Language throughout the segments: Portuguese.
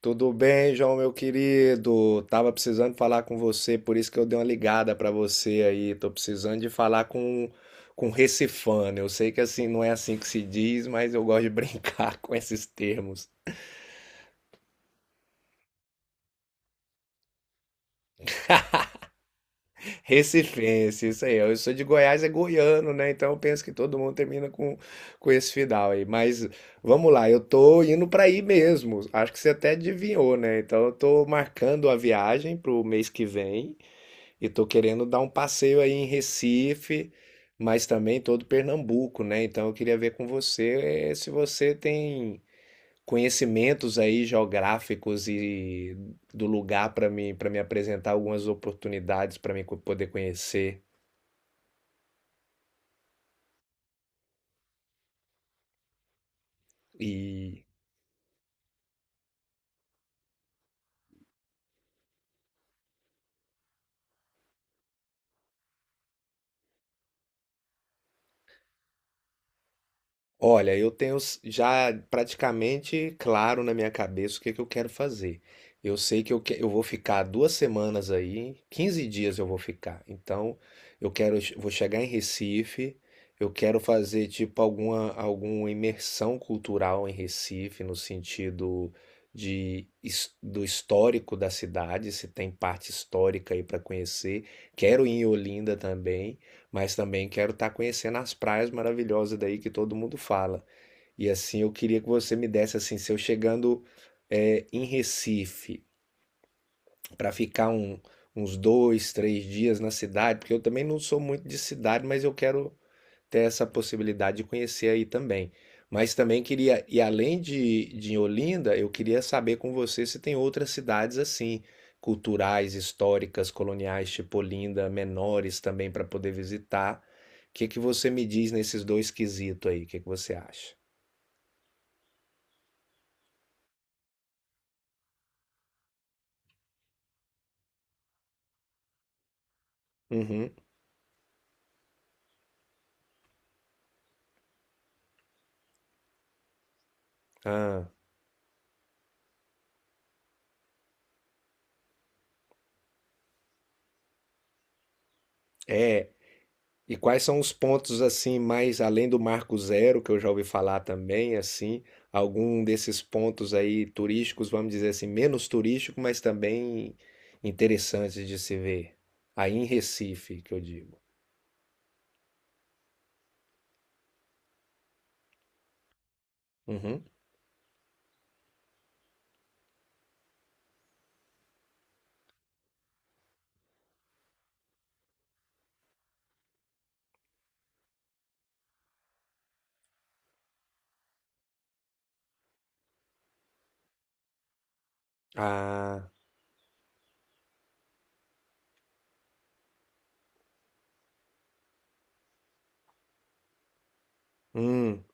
Tudo bem, João, meu querido? Tava precisando falar com você, por isso que eu dei uma ligada pra você aí. Tô precisando de falar com recifano. Eu sei que assim não é assim que se diz, mas eu gosto de brincar com esses termos. Recifense, isso aí. Eu sou de Goiás, é goiano, né? Então eu penso que todo mundo termina com esse final aí. Mas vamos lá, eu tô indo pra aí mesmo. Acho que você até adivinhou, né? Então eu tô marcando a viagem pro mês que vem. E tô querendo dar um passeio aí em Recife, mas também todo Pernambuco, né? Então eu queria ver com você se você tem conhecimentos aí geográficos e do lugar para mim, para me apresentar algumas oportunidades para mim poder conhecer e. Olha, eu tenho já praticamente claro na minha cabeça o que que eu quero fazer. Eu sei que eu vou ficar 2 semanas aí, 15 dias eu vou ficar. Então, eu quero, vou chegar em Recife, eu quero fazer tipo alguma imersão cultural em Recife, no sentido de, do histórico da cidade, se tem parte histórica aí para conhecer. Quero ir em Olinda também, mas também quero estar conhecendo as praias maravilhosas daí que todo mundo fala. E assim, eu queria que você me desse assim, se eu chegando é, em Recife para ficar uns dois, três dias na cidade, porque eu também não sou muito de cidade, mas eu quero ter essa possibilidade de conhecer aí também. Mas também queria, e além de Olinda, eu queria saber com você se tem outras cidades assim, culturais, históricas, coloniais, tipo Olinda, menores também para poder visitar. O que que você me diz nesses dois quesitos aí? O que que você acha? Uhum. Ah, é. E quais são os pontos assim, mais além do Marco Zero, que eu já ouvi falar também, assim, algum desses pontos aí turísticos, vamos dizer assim, menos turístico, mas também interessantes de se ver. Aí em Recife, que eu digo. Uhum. Ah, hum,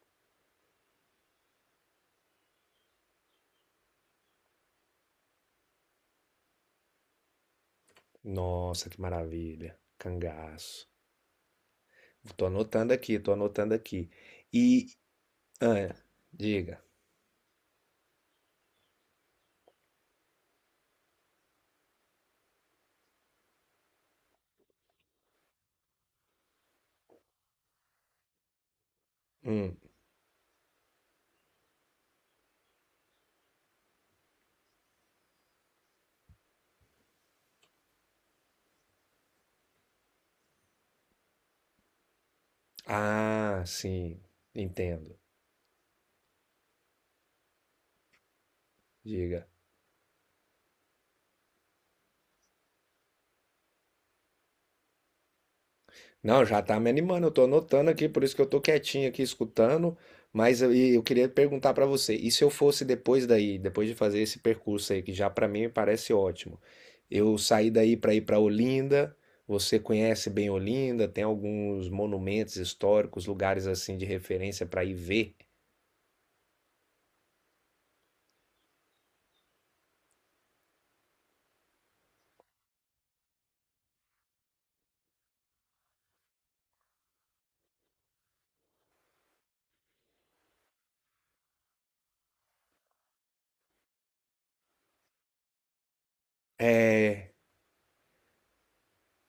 nossa, que maravilha. Cangaço. Tô anotando aqui, tô anotando aqui. E, ah, diga. Hum. Ah, sim, entendo. Diga. Não, já tá me animando, eu tô anotando aqui, por isso que eu tô quietinho aqui escutando, mas eu, e eu queria perguntar pra você, e se eu fosse depois daí, depois de fazer esse percurso aí, que já pra mim me parece ótimo, eu saí daí pra ir pra Olinda, você conhece bem Olinda, tem alguns monumentos históricos, lugares assim de referência pra ir ver. É.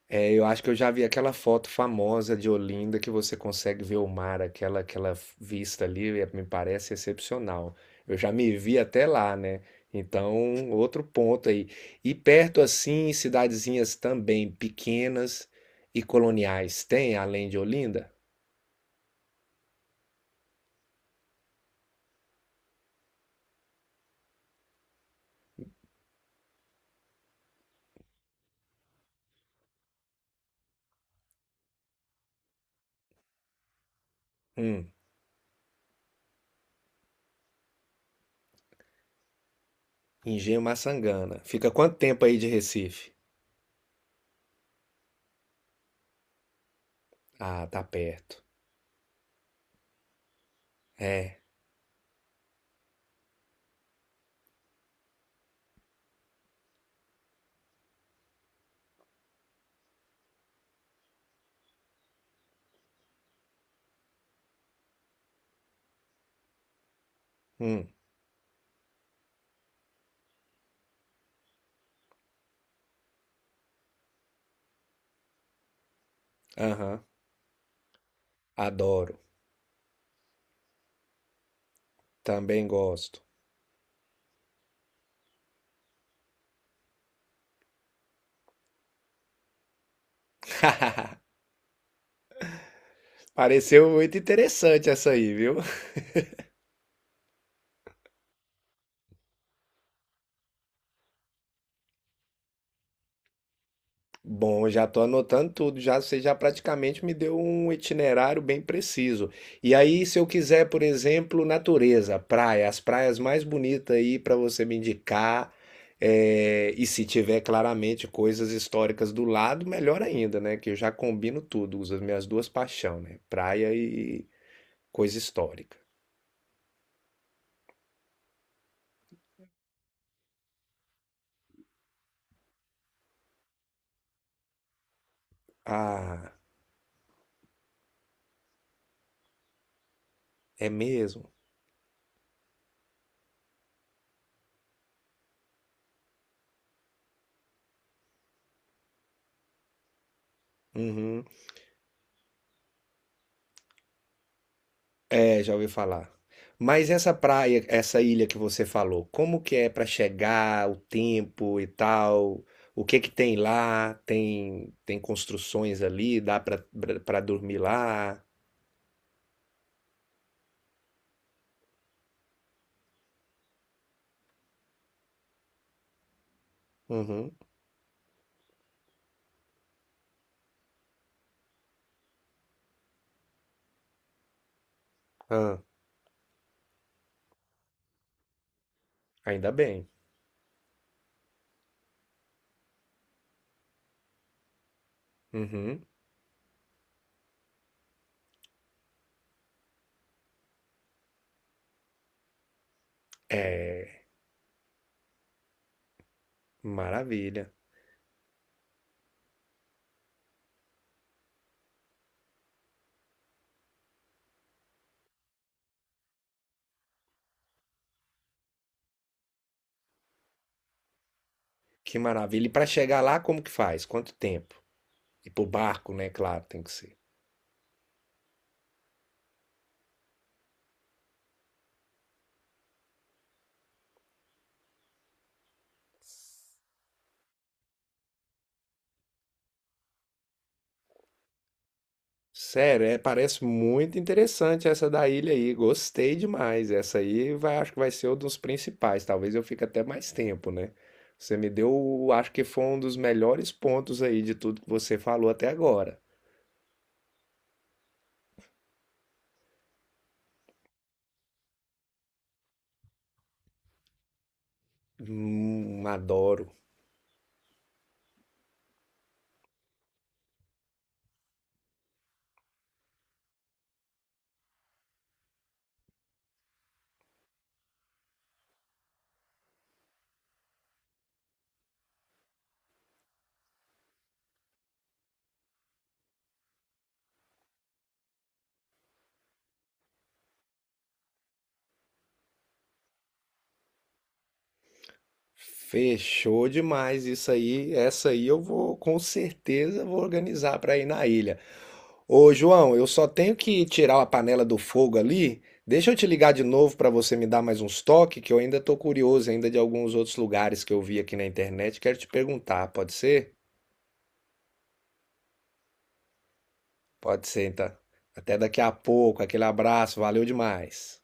É, eu acho que eu já vi aquela foto famosa de Olinda que você consegue ver o mar, aquela, aquela vista ali, é, me parece excepcional. Eu já me vi até lá, né? Então, outro ponto aí. E perto assim, cidadezinhas também pequenas e coloniais, tem além de Olinda? Hum. Engenho Maçangana. Fica quanto tempo aí de Recife? Ah, tá perto. É. Hum, aham. Adoro. Também gosto. Pareceu muito interessante essa aí, viu? Bom, já estou anotando tudo, já você já praticamente me deu um itinerário bem preciso. E aí, se eu quiser, por exemplo, natureza, praia, as praias mais bonitas aí para você me indicar, é, e se tiver claramente coisas históricas do lado, melhor ainda, né? Que eu já combino tudo, uso as minhas duas paixões, né? Praia e coisa histórica. Ah, é mesmo? Uhum. É, já ouvi falar. Mas essa praia, essa ilha que você falou, como que é para chegar, o tempo e tal? O que que tem lá? Tem construções ali, dá para dormir lá? Uhum. Ah, ainda bem. Uhum. É, maravilha. Que maravilha. E para chegar lá, como que faz? Quanto tempo? E pro barco, né? Claro, tem que ser. Sério, é, parece muito interessante essa da ilha aí. Gostei demais. Essa aí vai, acho que vai ser um dos principais. Talvez eu fique até mais tempo, né? Você me deu, acho que foi um dos melhores pontos aí de tudo que você falou até agora. Adoro. Fechou demais isso aí. Essa aí eu vou, com certeza, vou organizar para ir na ilha. Ô, João, eu só tenho que tirar a panela do fogo ali. Deixa eu te ligar de novo para você me dar mais uns toques, que eu ainda tô curioso ainda de alguns outros lugares que eu vi aqui na internet. Quero te perguntar, pode ser? Pode ser, então. Até daqui a pouco. Aquele abraço, valeu demais.